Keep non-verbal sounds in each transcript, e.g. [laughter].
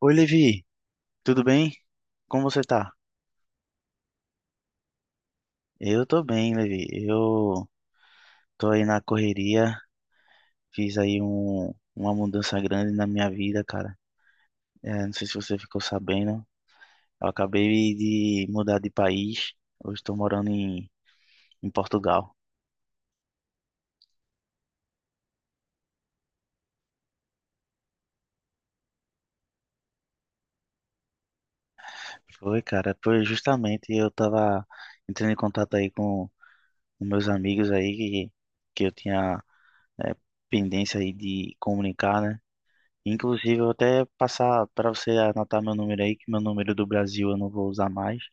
Oi, Levi, tudo bem? Como você tá? Eu tô bem, Levi. Eu tô aí na correria, fiz aí uma mudança grande na minha vida, cara. É, não sei se você ficou sabendo, eu acabei de mudar de país. Hoje estou morando em Portugal. Foi, cara, foi justamente eu tava entrando em contato aí com meus amigos aí que eu tinha é, pendência aí de comunicar, né? Inclusive, eu vou até passar para você anotar meu número aí, que meu número do Brasil eu não vou usar mais.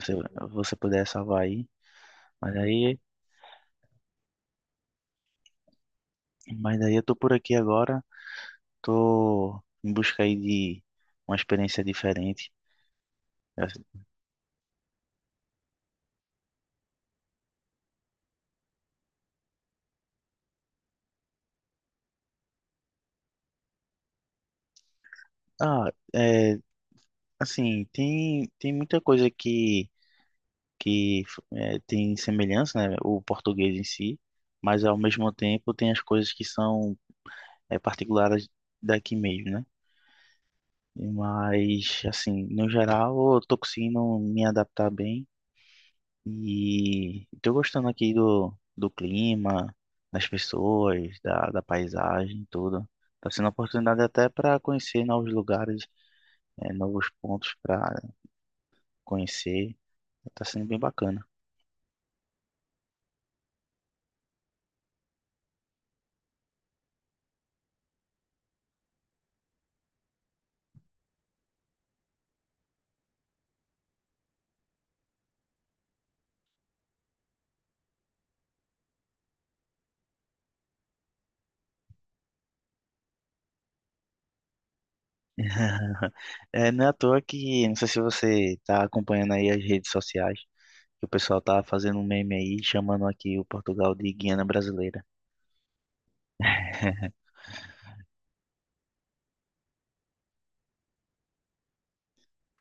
Se você puder salvar aí. Mas aí, mas aí eu tô por aqui agora, tô em busca aí de uma experiência diferente. Ah, é, assim, tem muita coisa que tem semelhança, né? O português em si, mas ao mesmo tempo tem as coisas que são particulares daqui mesmo, né? Mas, assim, no geral, eu tô conseguindo me adaptar bem e tô gostando aqui do clima, das pessoas, da paisagem, tudo. Tá sendo uma oportunidade até para conhecer novos lugares, novos pontos para conhecer. Tá sendo bem bacana. É, não é à toa que, não sei se você tá acompanhando aí as redes sociais, que o pessoal tá fazendo um meme aí, chamando aqui o Portugal de Guiana Brasileira.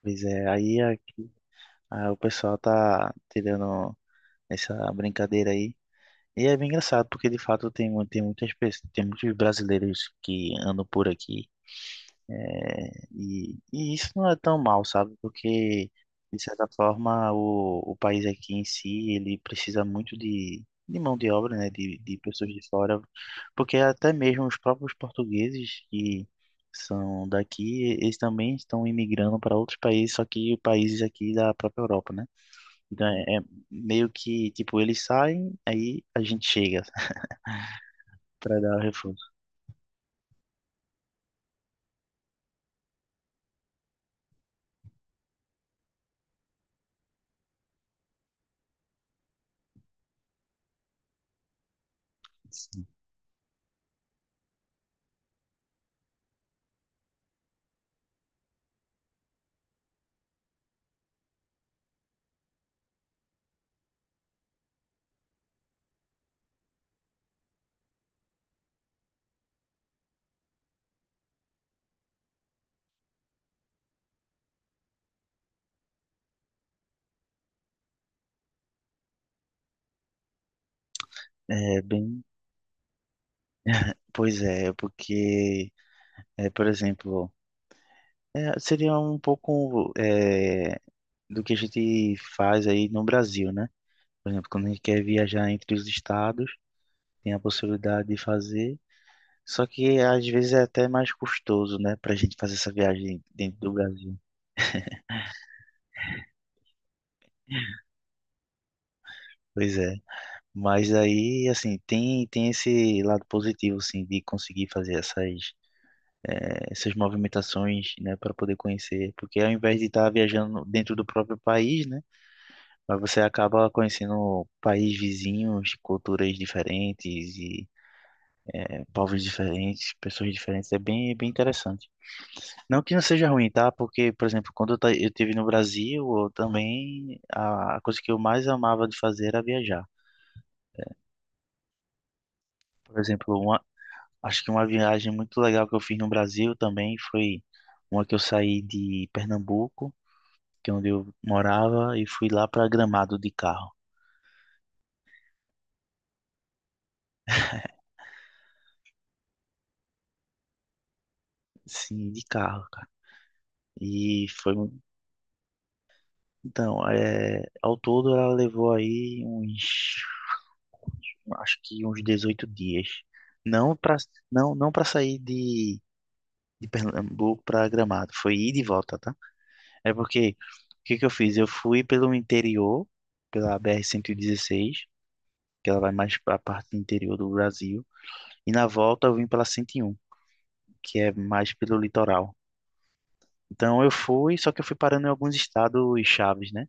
Pois é. Aí o pessoal tá tirando essa brincadeira aí. E é bem engraçado, porque de fato tem, tem muitas pessoas, tem muitos brasileiros que andam por aqui. E isso não é tão mal, sabe? Porque, de certa forma, o país aqui em si, ele precisa muito de mão de obra, né? De pessoas de fora. Porque até mesmo os próprios portugueses que são daqui, eles também estão imigrando para outros países, só que países aqui da própria Europa, né? Então é meio que, tipo, eles saem, aí a gente chega [laughs] para dar o reforço. Sim. É bem, pois é, porque, por exemplo, seria um pouco do que a gente faz aí no Brasil, né? Por exemplo, quando a gente quer viajar entre os estados, tem a possibilidade de fazer, só que às vezes é até mais custoso, né, para a gente fazer essa viagem dentro do Brasil. Pois é. Mas aí, assim, tem esse lado positivo, assim, de conseguir fazer essas movimentações, né, para poder conhecer. Porque ao invés de estar viajando dentro do próprio país, né, mas você acaba conhecendo países vizinhos, culturas diferentes e povos diferentes, pessoas diferentes. É bem interessante. Não que não seja ruim, tá? Porque, por exemplo, quando eu estive no Brasil, eu também a coisa que eu mais amava de fazer era viajar. Por exemplo, um Acho que uma viagem muito legal que eu fiz no Brasil também foi uma que eu saí de Pernambuco, que é onde eu morava, e fui lá para Gramado de carro. Sim, de carro, cara. E foi. mu- Então, ao todo ela levou aí uns. Acho que uns 18 dias. Não para não, para sair de, Pernambuco para Gramado. Foi ir de volta, tá? É porque. O que que eu fiz? Eu fui pelo interior, pela BR-116, que ela vai mais para a parte interior do Brasil. E na volta eu vim pela 101, que é mais pelo litoral. Então eu fui, só que eu fui parando em alguns estados chaves, né?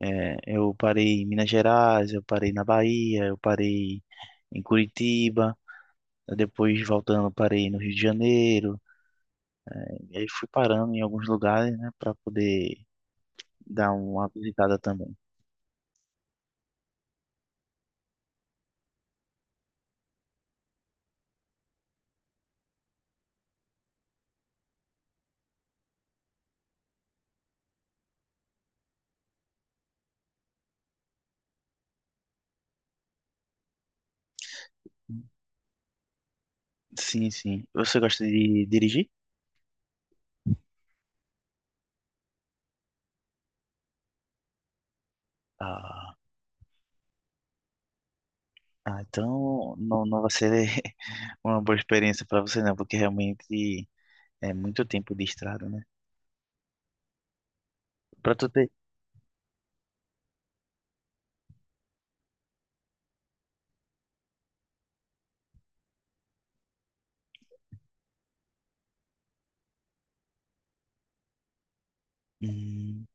Eu parei em Minas Gerais, eu parei na Bahia, eu parei em Curitiba, depois voltando eu parei no Rio de Janeiro. E aí fui parando em alguns lugares, né, para poder dar uma visitada também. Sim, sim. Você gosta de dirigir? Ah. Ah, então não vai ser [laughs] uma boa experiência para você não, porque realmente é muito tempo de estrada, né? Para tu ter. hum,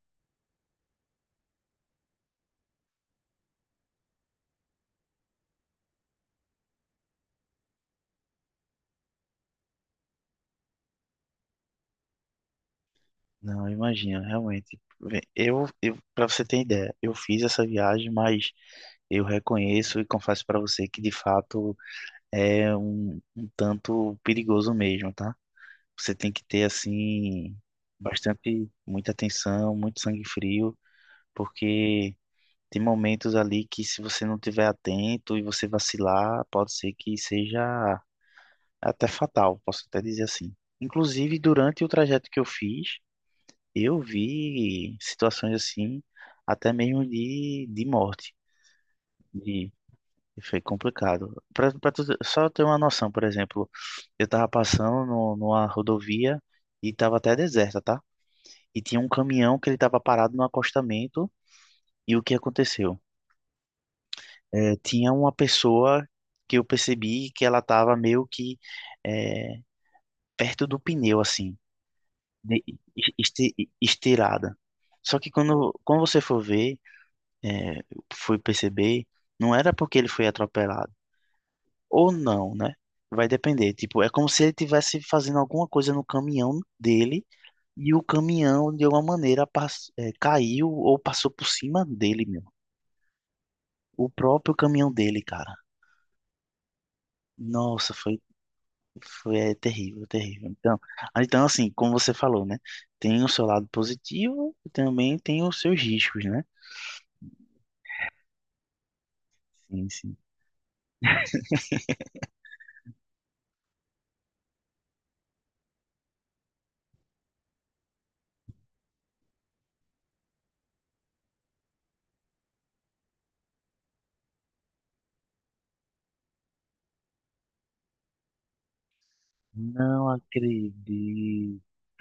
não, imagina, realmente. Vê, eu para você ter ideia, eu fiz essa viagem, mas eu reconheço e confesso para você que de fato é um tanto perigoso mesmo, tá? Você tem que ter assim bastante muita atenção, muito sangue frio, porque. Tem momentos ali que se você não tiver atento e você vacilar, pode ser que seja até fatal, posso até dizer assim. Inclusive, durante o trajeto que eu fiz, eu vi situações assim, até mesmo de morte. E foi complicado. Pra tu, só ter uma noção, por exemplo, eu tava passando no, numa rodovia e tava até deserta, tá? E tinha um caminhão que ele tava parado no acostamento e o que aconteceu? Tinha uma pessoa que eu percebi que ela estava meio que eh, perto do pneu, assim, de- estirada. Só que quando você for ver, eh, fui perceber, não era porque ele foi atropelado, ou não, né? Vai depender. Tipo, é como se ele estivesse fazendo alguma coisa no caminhão dele e o caminhão, de alguma maneira, caiu ou passou por cima dele, meu. O próprio caminhão dele, cara. Nossa, foi. Foi, é terrível, terrível. Então, assim, como você falou, né? Tem o seu lado positivo e também tem os seus riscos, né? Sim, sim. Não acredito,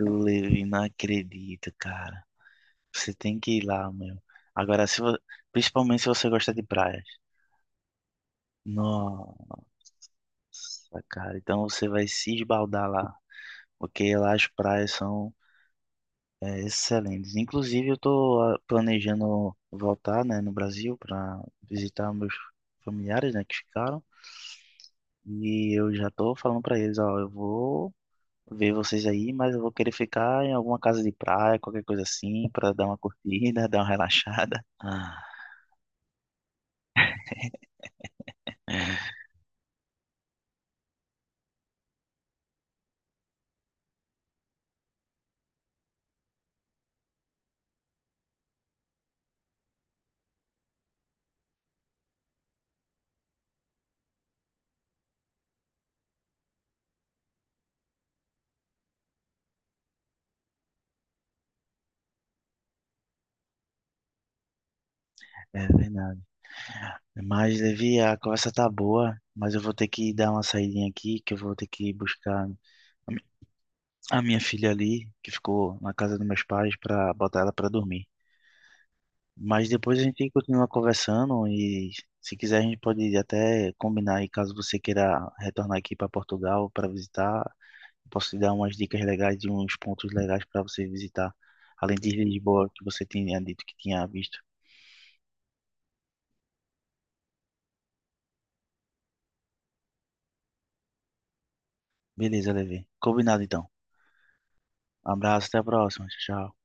Levi, não acredito, cara. Você tem que ir lá, meu. Agora, se vo- principalmente se você gosta de praias. Nossa, cara. Então você vai se esbaldar lá. Porque lá as praias são excelente. Inclusive, eu estou planejando voltar, né, no Brasil para visitar meus familiares, né, que ficaram. E eu já estou falando para eles, ó, eu vou ver vocês aí, mas eu vou querer ficar em alguma casa de praia, qualquer coisa assim, para dar uma curtida, [laughs] dar uma relaxada. Ah, é verdade. Mas, Levi, a conversa tá boa, mas eu vou ter que dar uma saidinha aqui, que eu vou ter que buscar a mi- a minha filha ali, que ficou na casa dos meus pais, para botar ela para dormir. Mas depois a gente continua conversando e se quiser a gente pode até combinar aí caso você queira retornar aqui para Portugal para visitar, posso te dar umas dicas legais de uns pontos legais para você visitar, além de Lisboa que você tinha dito que tinha visto. Beleza, Levi. Combinado então. Abraço, até a próxima. Tchau.